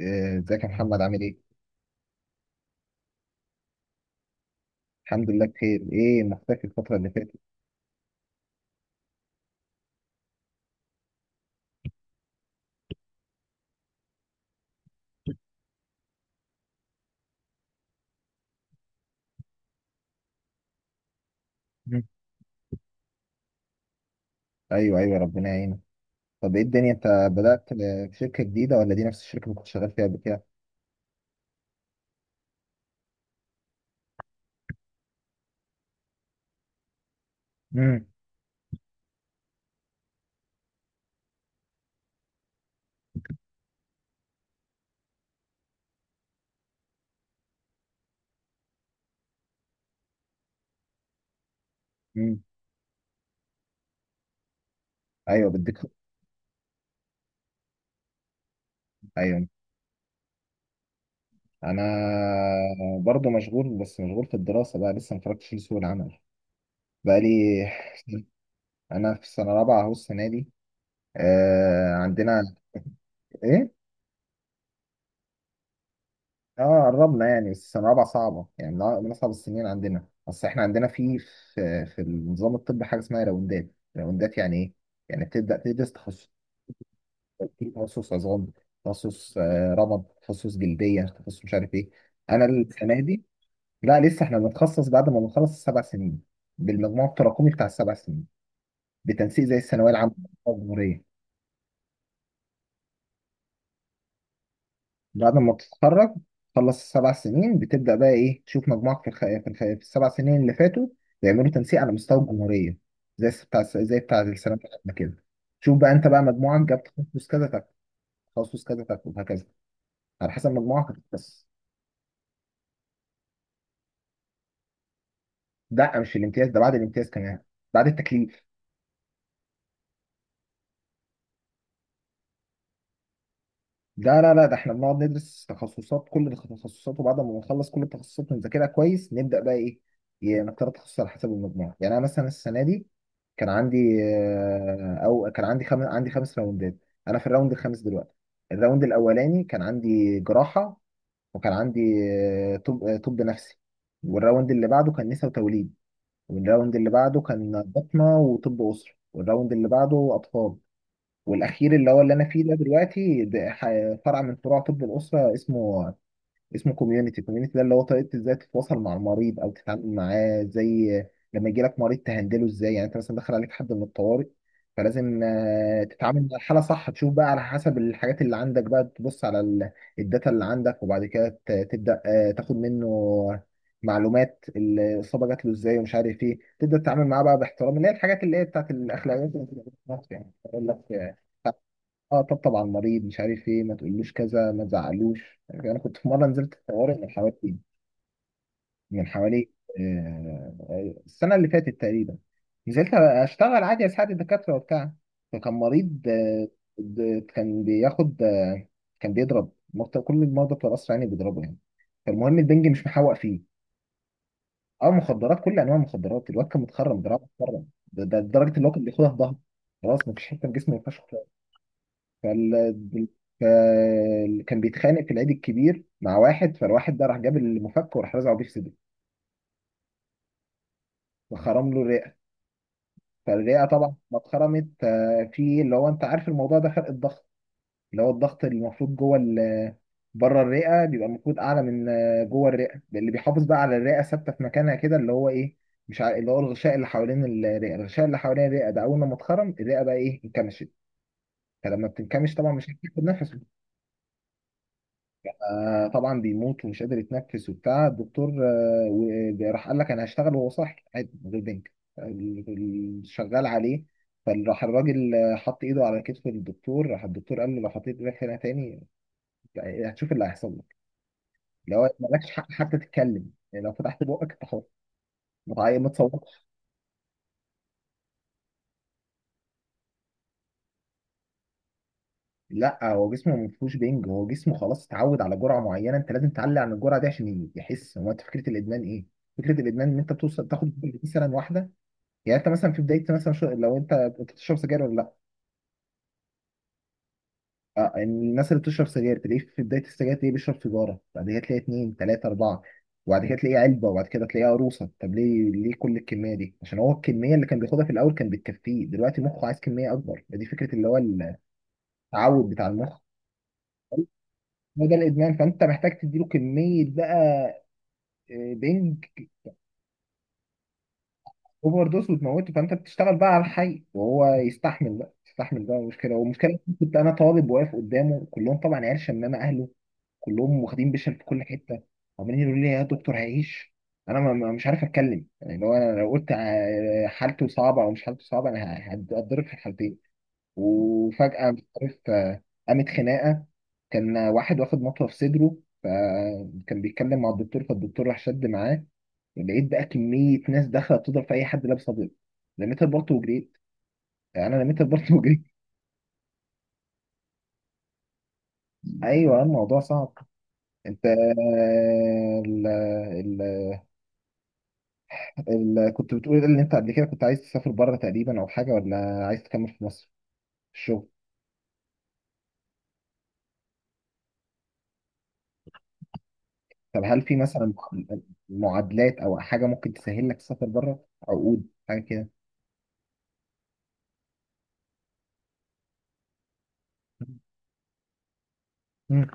إيه، ازيك يا محمد عامل ايه؟ الحمد لله بخير، ايه مختفي الفترة اللي فاتت؟ مم. ايوه ايوه، ربنا يعينك. طب ايه الدنيا، انت بدأت في شركة جديدة ولا دي نفس الشركة اللي كنت شغال فيها قبل كده؟ مم. مم. ايوه بديك. ايوه، انا برضو مشغول، بس مشغول في الدراسة بقى، لسه ما اتفرجتش لسوق العمل بقى لي. انا في سنة رابعة اهو السنة دي. عندنا. ايه؟ اه، قربنا يعني، بس السنة الرابعة صعبة يعني، من أصعب السنين عندنا. بس احنا عندنا في في النظام الطبي حاجة اسمها راوندات. راوندات يعني ايه؟ يعني بتبدأ تدرس تخصص، في تخصص عظام، تخصص رمد، تخصص جلدية، تخصص مش عارف ايه. أنا السنة دي، لا لسه، احنا بنتخصص بعد ما بنخلص السبع سنين، بالمجموع التراكمي بتاع السبع سنين، بتنسيق زي الثانوية العامة بتاع الجمهورية. بعد ما تتخرج، تخلص السبع سنين، بتبدأ بقى إيه، تشوف مجموعك في في السبع سنين اللي فاتوا، بيعملوا تنسيق على مستوى الجمهورية، زي بتاع السنة بتاعتنا كده. شوف بقى أنت بقى مجموعك جاب تخصص كذا تاخد، تخصص كذا تاخد، وهكذا، على حسب مجموعك بس. ده مش الامتياز، ده بعد الامتياز كمان، بعد التكليف. لا لا لا، ده احنا بنقعد ندرس تخصصات، كل التخصصات، وبعد ما نخلص كل التخصصات ونذاكرها كويس، نبدا بقى ايه، نختار تخصص على حسب المجموع. يعني انا مثلا السنه دي، كان عندي كان عندي 5 راوندات. انا في الراوند الخامس دلوقتي. الراوند الاولاني كان عندي جراحه، وكان عندي طب نفسي. والراوند اللي بعده كان نساء وتوليد، والراوند اللي بعده كان بطنه وطب اسره، والراوند اللي بعده اطفال. والاخير اللي هو اللي انا فيه ده دلوقتي، ده فرع من فروع طب الاسره، اسمه كوميونتي. كوميونتي ده اللي هو طريقه ازاي تتواصل مع المريض او تتعامل معاه، زي لما يجي لك مريض تهندله ازاي. يعني انت مثلا دخل عليك حد من الطوارئ، فلازم تتعامل مع الحاله صح، تشوف بقى على حسب الحاجات اللي عندك، بقى تبص على الداتا اللي عندك، وبعد كده تبدا تاخد منه معلومات، الاصابه جات له ازاي ومش عارف ايه، تبدا تتعامل معاه بقى باحترام، اللي هي الحاجات اللي هي بتاعت الاخلاقيات اللي بتبقى في مصر يعني، اقول لك. اه، طب طبعا مريض مش عارف ايه، ما تقولوش كذا، ما تزعلوش. انا كنت في مره نزلت الطوارئ من حوالي السنه اللي فاتت تقريبا. نزلت اشتغل عادي، اساعد الدكاتره وبتاع. فكان مريض، آه، د- كان بياخد آه، كان بيضرب. كل المرضى بتوع القصر يعني بيضربوا يعني. فالمهم البنج مش محوق فيه. اه مخدرات، كل انواع المخدرات، الواد كان متخرم دراعه، متخرم، ده لدرجه ان هو كان بياخدها في ظهره. خلاص مفيش حته في جسمه ما ينفعش. فال... كان بيتخانق في العيد الكبير مع واحد، فالواحد ده راح جاب المفك وراح رزعه بيه في صدره، وخرم له الرئه. فالرئه طبعا ما اتخرمت في اللي هو، انت عارف الموضوع ده، فرق الضغط. اللي هو الضغط اللي المفروض جوه بره الرئه بيبقى المفروض اعلى من جوه الرئه، اللي بيحافظ بقى على الرئه ثابته في مكانها كده، اللي هو ايه، مش عارف، اللي هو الغشاء اللي حوالين الرئه. الغشاء اللي حوالين الرئه ده اول ما اتخرم، الرئه بقى ايه، انكمشت. فلما بتنكمش طبعا مش هتاخد نفس. طبعا بيموت ومش قادر يتنفس وبتاع. الدكتور راح قال لك انا هشتغل وهو صاحي عادي من غير بنك. شغال عليه. فراح الراجل حط ايده على كتف الدكتور، راح الدكتور قال له لو حطيت ايدك هنا تاني، يعني هتشوف اللي هيحصل لك. لو مالكش حق حتى تتكلم، يعني لو فتحت بقك انت حر. ما تصوتش. لا هو جسمه ما فيهوش بنج، هو جسمه خلاص اتعود على جرعه معينه، انت لازم تعلي عن الجرعه دي عشان يحس هو. انت فكره الادمان ايه؟ فكره الادمان ان انت بتوصل تاخد مثلا واحده، يعني انت مثلا في بدايه مثلا، لو انت بتشرب سجاير ولا لا. يعني الناس اللي بتشرب سجاير تلاقيه في بدايه السجاير تلاقيه بيشرب سيجاره، بعد كده تلاقيه اتنين تلاته اربعه، وبعد كده تلاقيه علبه، وبعد كده تلاقيه عروسه. طب ليه ليه كل الكميه دي؟ عشان هو الكميه اللي كان بياخدها في الاول كان بتكفيه، دلوقتي مخه عايز كميه اكبر. دي فكره اللي هو التعود بتاع المخ. هو ده الادمان، فانت محتاج تديله كميه بقى بنج، اوفر دوز وتموته، فانت بتشتغل بقى على الحي وهو يستحمل بقى مشكله، والمشكله إن كنت انا طالب واقف قدامه، كلهم طبعا عيال شمامه اهله، كلهم واخدين بشر في كل حته، عمالين يقولوا لي يا دكتور هيعيش. انا مش عارف اتكلم يعني، لو انا لو قلت حالته صعبه او مش حالته صعبه، انا هتضرب في الحالتين. وفجاه مش عارف قامت خناقه، كان واحد واخد مطوه في صدره، فكان بيتكلم مع الدكتور، فالدكتور راح شد معاه. لقيت بقى كمية ناس داخلة بتضرب في أي حد لابس أبيض، لميت البلطو وجريت. يعني أنا لميت البلطو وجريت. أيوه، الموضوع صعب. أنت، ال ال ال كنت بتقول إن أنت قبل كده كنت عايز تسافر بره تقريبا أو حاجة، ولا عايز تكمل في مصر في الشغل؟ طب هل في مثلا معادلات أو حاجة ممكن تسهل لك تسافر بره، عقود حاجة كده؟ مم.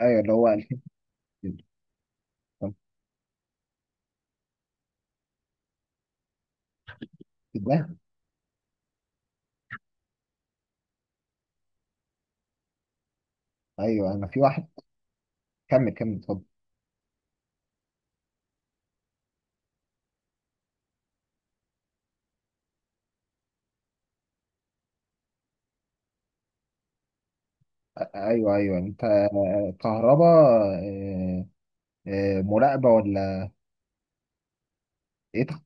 أيوه اللي هو 2000 ده. أيوه أنا في واحد. كمل كمل اتفضل. ايوه ايوه، انت كهرباء، آه، مراقبه ولا ايه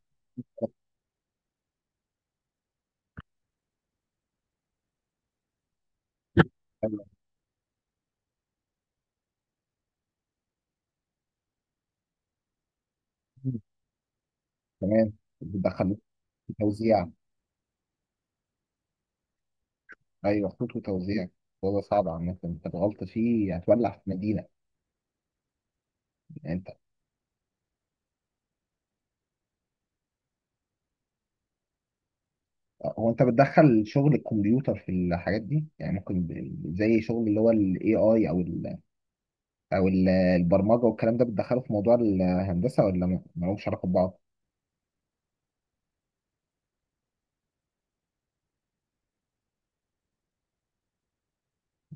أيوة. تمام، بتدخل في توزيع، ايوه خطوط وتوزيع. هو ده صعب عامة، انت غلط فيه هتولع في مدينة يعني انت. هو انت بتدخل شغل الكمبيوتر في الحاجات دي يعني؟ ممكن زي شغل اللي هو الاي اي، او البرمجة والكلام ده، بتدخله في موضوع الهندسة ولا ملهمش علاقة ببعض؟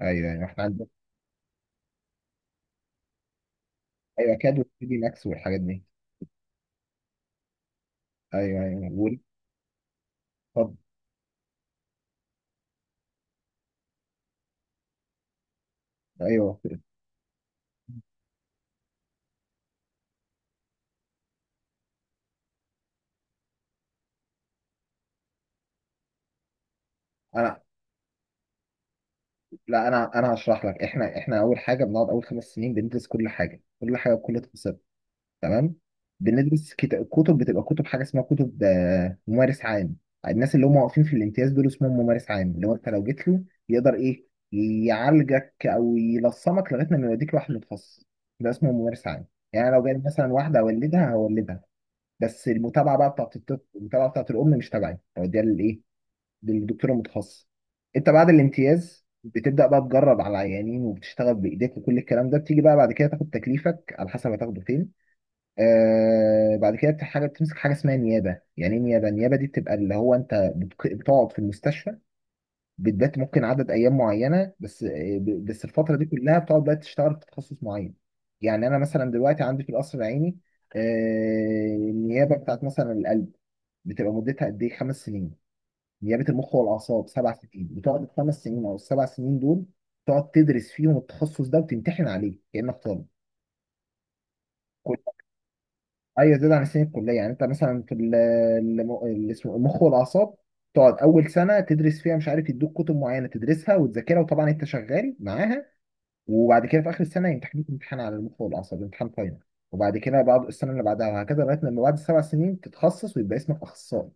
ايوه ايوه، احنا عندنا. ايوه، كاد وثري دي ماكس والحاجات دي. ايوه ايوه طب ايوه انا لا، انا هشرح لك. احنا اول حاجه بنقعد اول خمس سنين بندرس كل حاجه، كل حاجه بكل تفاصيلها. تمام. بندرس كتب، بتبقى كتب حاجه اسمها كتب ممارس عام. الناس اللي هم واقفين في الامتياز دول اسمهم ممارس عام، اللي هو انت لو جيت له يقدر ايه، يعالجك او يلصمك لغايه ما يوديك لواحد متخصص. ده اسمه ممارس عام. يعني أنا لو جاي مثلا واحده اولدها هولدها، بس المتابعه بقى بتاعت الطفل، المتابعه بتاعت الام، مش تبعي، هوديها للدكتور المتخصص. انت بعد الامتياز بتبدا بقى تجرب على العيانين وبتشتغل بايديك وكل الكلام ده، بتيجي بقى بعد كده تاخد تكليفك على حسب هتاخده فين. بعد كده حاجه بتمسك حاجه اسمها نيابه. يعني ايه نيابه؟ النيابه دي بتبقى اللي هو انت بتقعد في المستشفى، بتبات ممكن عدد ايام معينه، بس بس الفتره دي كلها بتقعد بقى تشتغل في تخصص معين. يعني انا مثلا دلوقتي عندي في القصر العيني النيابه بتاعت مثلا القلب، بتبقى مدتها قد ايه، خمس سنين. نيابه المخ والاعصاب سبع سنين. بتقعد الخمس سنين او السبع سنين دول تقعد تدرس فيهم التخصص ده وتمتحن عليه كانك طالب. كل ايوه، زياده عن سنين الكليه، يعني انت مثلا في اللي اسمه المخ والاعصاب، تقعد اول سنه تدرس فيها، مش عارف، يدوك كتب معينه تدرسها وتذاكرها، وطبعا انت شغال معاها. وبعد كده في اخر السنه يمتحنوك امتحان على المخ والاعصاب، امتحان فاينل. وبعد كده بعد السنه اللي بعدها، وهكذا، لغايه لما بعد السبع سنين تتخصص ويبقى اسمك اخصائي،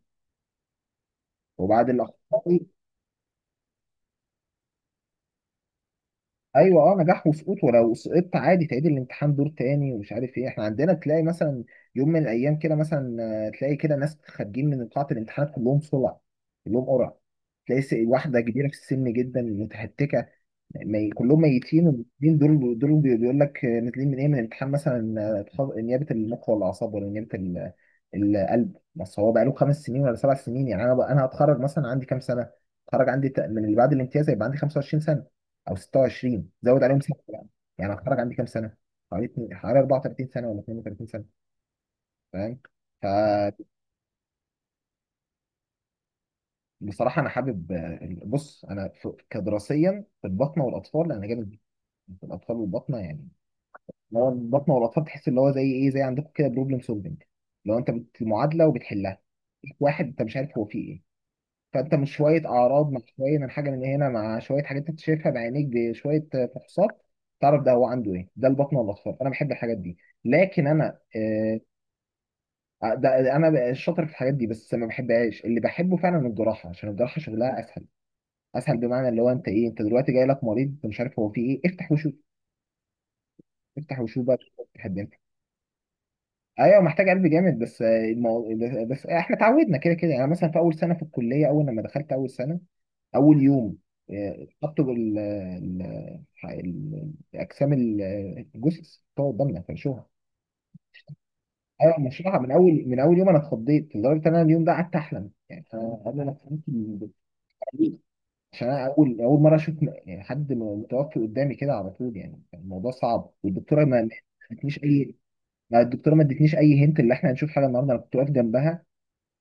وبعد الاخصائي. ايوه، اه، نجاح وسقوط. ولو سقطت عادي تعيد الامتحان دور تاني ومش عارف ايه. احنا عندنا تلاقي مثلا يوم من الايام كده مثلا، تلاقي كده ناس خارجين من قاعه الامتحانات كلهم صلع، كلهم قرع، تلاقي واحده كبيره في السن جدا متهتكه، كلهم ميتين. والمسلمين دول بيقول لك نازلين من ايه، من امتحان مثلا نيابه المخ ولا الاعصاب، ولا نيابه القلب. بس هو بقاله خمس سنين ولا سبع سنين. يعني انا هتخرج مثلا عندي كام سنه؟ هتخرج عندي من اللي بعد الامتياز هيبقى عندي 25 سنه او 26، زود عليهم سنه يعني. يعني هتخرج عندي كام سنه؟ حوالي 34 سنه ولا 32 سنه، فاهم؟ فبصراحه انا حابب. بص انا كدراسيا في الباطنه والاطفال انا جامد، في الاطفال والباطنه يعني. اللي هو البطنه والاطفال تحس اللي هو زي ايه، زي عندكم كده، بروبلم سولفنج. لو انت معادله وبتحلها، واحد انت مش عارف هو فيه ايه، فانت مش شويه اعراض مع شويه من حاجه من هنا مع شويه حاجات انت شايفها بعينيك بشويه فحوصات، تعرف ده هو عنده ايه. ده البطنه والاطفال، انا بحب الحاجات دي. لكن انا ده انا بقى شاطر في الحاجات دي بس ما بحبهاش. اللي بحبه فعلا الجراحه، عشان الجراحه شغلها اسهل. اسهل بمعنى اللي هو انت ايه، انت دلوقتي جاي لك مريض انت مش عارف هو فيه ايه، افتح وشوف. افتح وشوف بقى. تحب؟ ايوه، محتاج قلب جامد. بس بس احنا اتعودنا كده كده يعني. مثلا في اول سنه في الكليه، اول لما دخلت اول سنه، اول يوم، حطوا الاجسام، الجثث بتوع قدامنا فرشوها. ايوه مشروعها من اول يوم، انا اتخضيت لدرجه ان انا اليوم ده قعدت احلم. يعني انا قبل ما فهمت عشان انا اول اول مره اشوف يعني حد متوفي قدامي كده على طول، يعني كان الموضوع صعب. والدكتوره ما ادتنيش اي، ما الدكتوره ما ادتنيش اي هنت اللي احنا هنشوف حاجه النهارده. انا كنت واقف جنبها،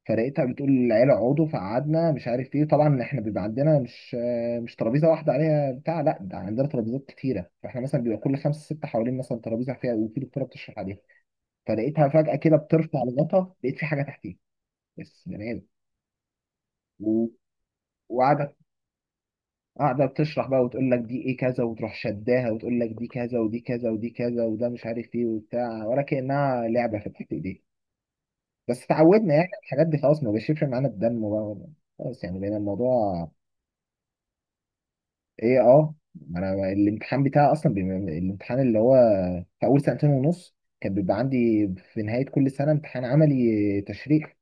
فرقتها بتقول العيله اقعدوا، فقعدنا، مش عارف ايه. طبعا احنا بيبقى عندنا مش ترابيزه واحده عليها بتاع، لا ده عندنا ترابيزات كتيره. فاحنا مثلا بيبقى كل خمسه سته حوالين مثلا ترابيزه فيها، وفي دكتوره بتشرح عليها. فلقيتها فجاه كده بترفع الغطا، لقيت في حاجه تحتيه، بس بني ادم. و- وقاعده قاعده بتشرح بقى، وتقول لك دي ايه كذا، وتروح شداها وتقول لك دي كذا ودي كذا ودي كذا وده مش عارف ايه وبتاع، ولا كانها لعبه في الحته دي. بس تعودنا يعني على الحاجات دي، خلاص ما بيشربش معانا الدم بقى. خلاص يعني بقينا الموضوع ايه، اه، ما انا الامتحان بتاعي اصلا الامتحان اللي هو في اول سنتين ونص، كان بيبقى عندي في نهايه كل سنه امتحان عملي تشريح.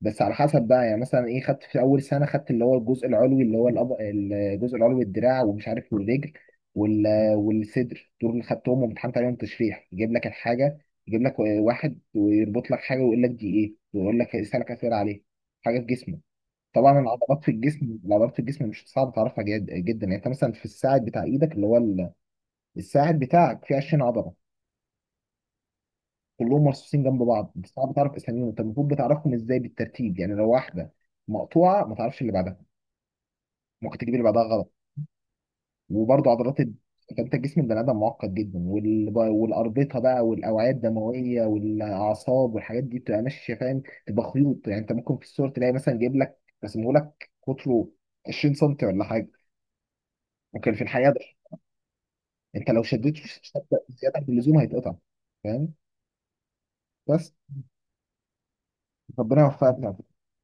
بس على حسب بقى، يعني مثلا ايه، خدت في اول سنه خدت اللي هو الجزء العلوي، اللي هو الجزء العلوي، الدراع ومش عارف، والرجل، وال... والصدر، دول اللي خدتهم وامتحنت عليهم تشريح. يجيب لك الحاجه، يجيب لك واحد ويربط لك حاجه ويقول لك دي ايه، ويقول لك، يسالك اسئله عليه، حاجه في جسمه. طبعا العضلات في الجسم، العضلات في الجسم مش صعب تعرفها جد جدا. يعني انت مثلا في الساعد بتاع ايدك، اللي هو الساعد بتاعك فيه 20 عضله كلهم مرصوصين جنب بعض، صعب تعرف اساميهم انت المفروض بتعرفهم ازاي، بالترتيب. يعني لو واحده مقطوعه، ما تعرفش اللي بعدها، ممكن تجيب اللي بعدها غلط. وبرضه عضلات انت جسم البني ادم معقد جدا، والاربطه بقى، والاوعيه الدمويه والاعصاب والحاجات دي بتبقى ماشيه، فاهم، تبقى خيوط. يعني انت ممكن في الصور تلاقي مثلا جايب لك، رسمه لك قطره 20 سم ولا حاجه، ممكن في الحقيقه ده انت لو شديت في الشبكه زياده عن اللزوم هيتقطع. فاهم؟ بس ربنا يوفقك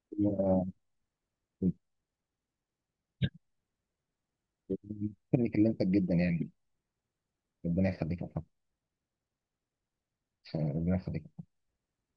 في في التكنيك اللي انت جدا يعني. ربنا يخليك يا محمد. ربنا يخليك.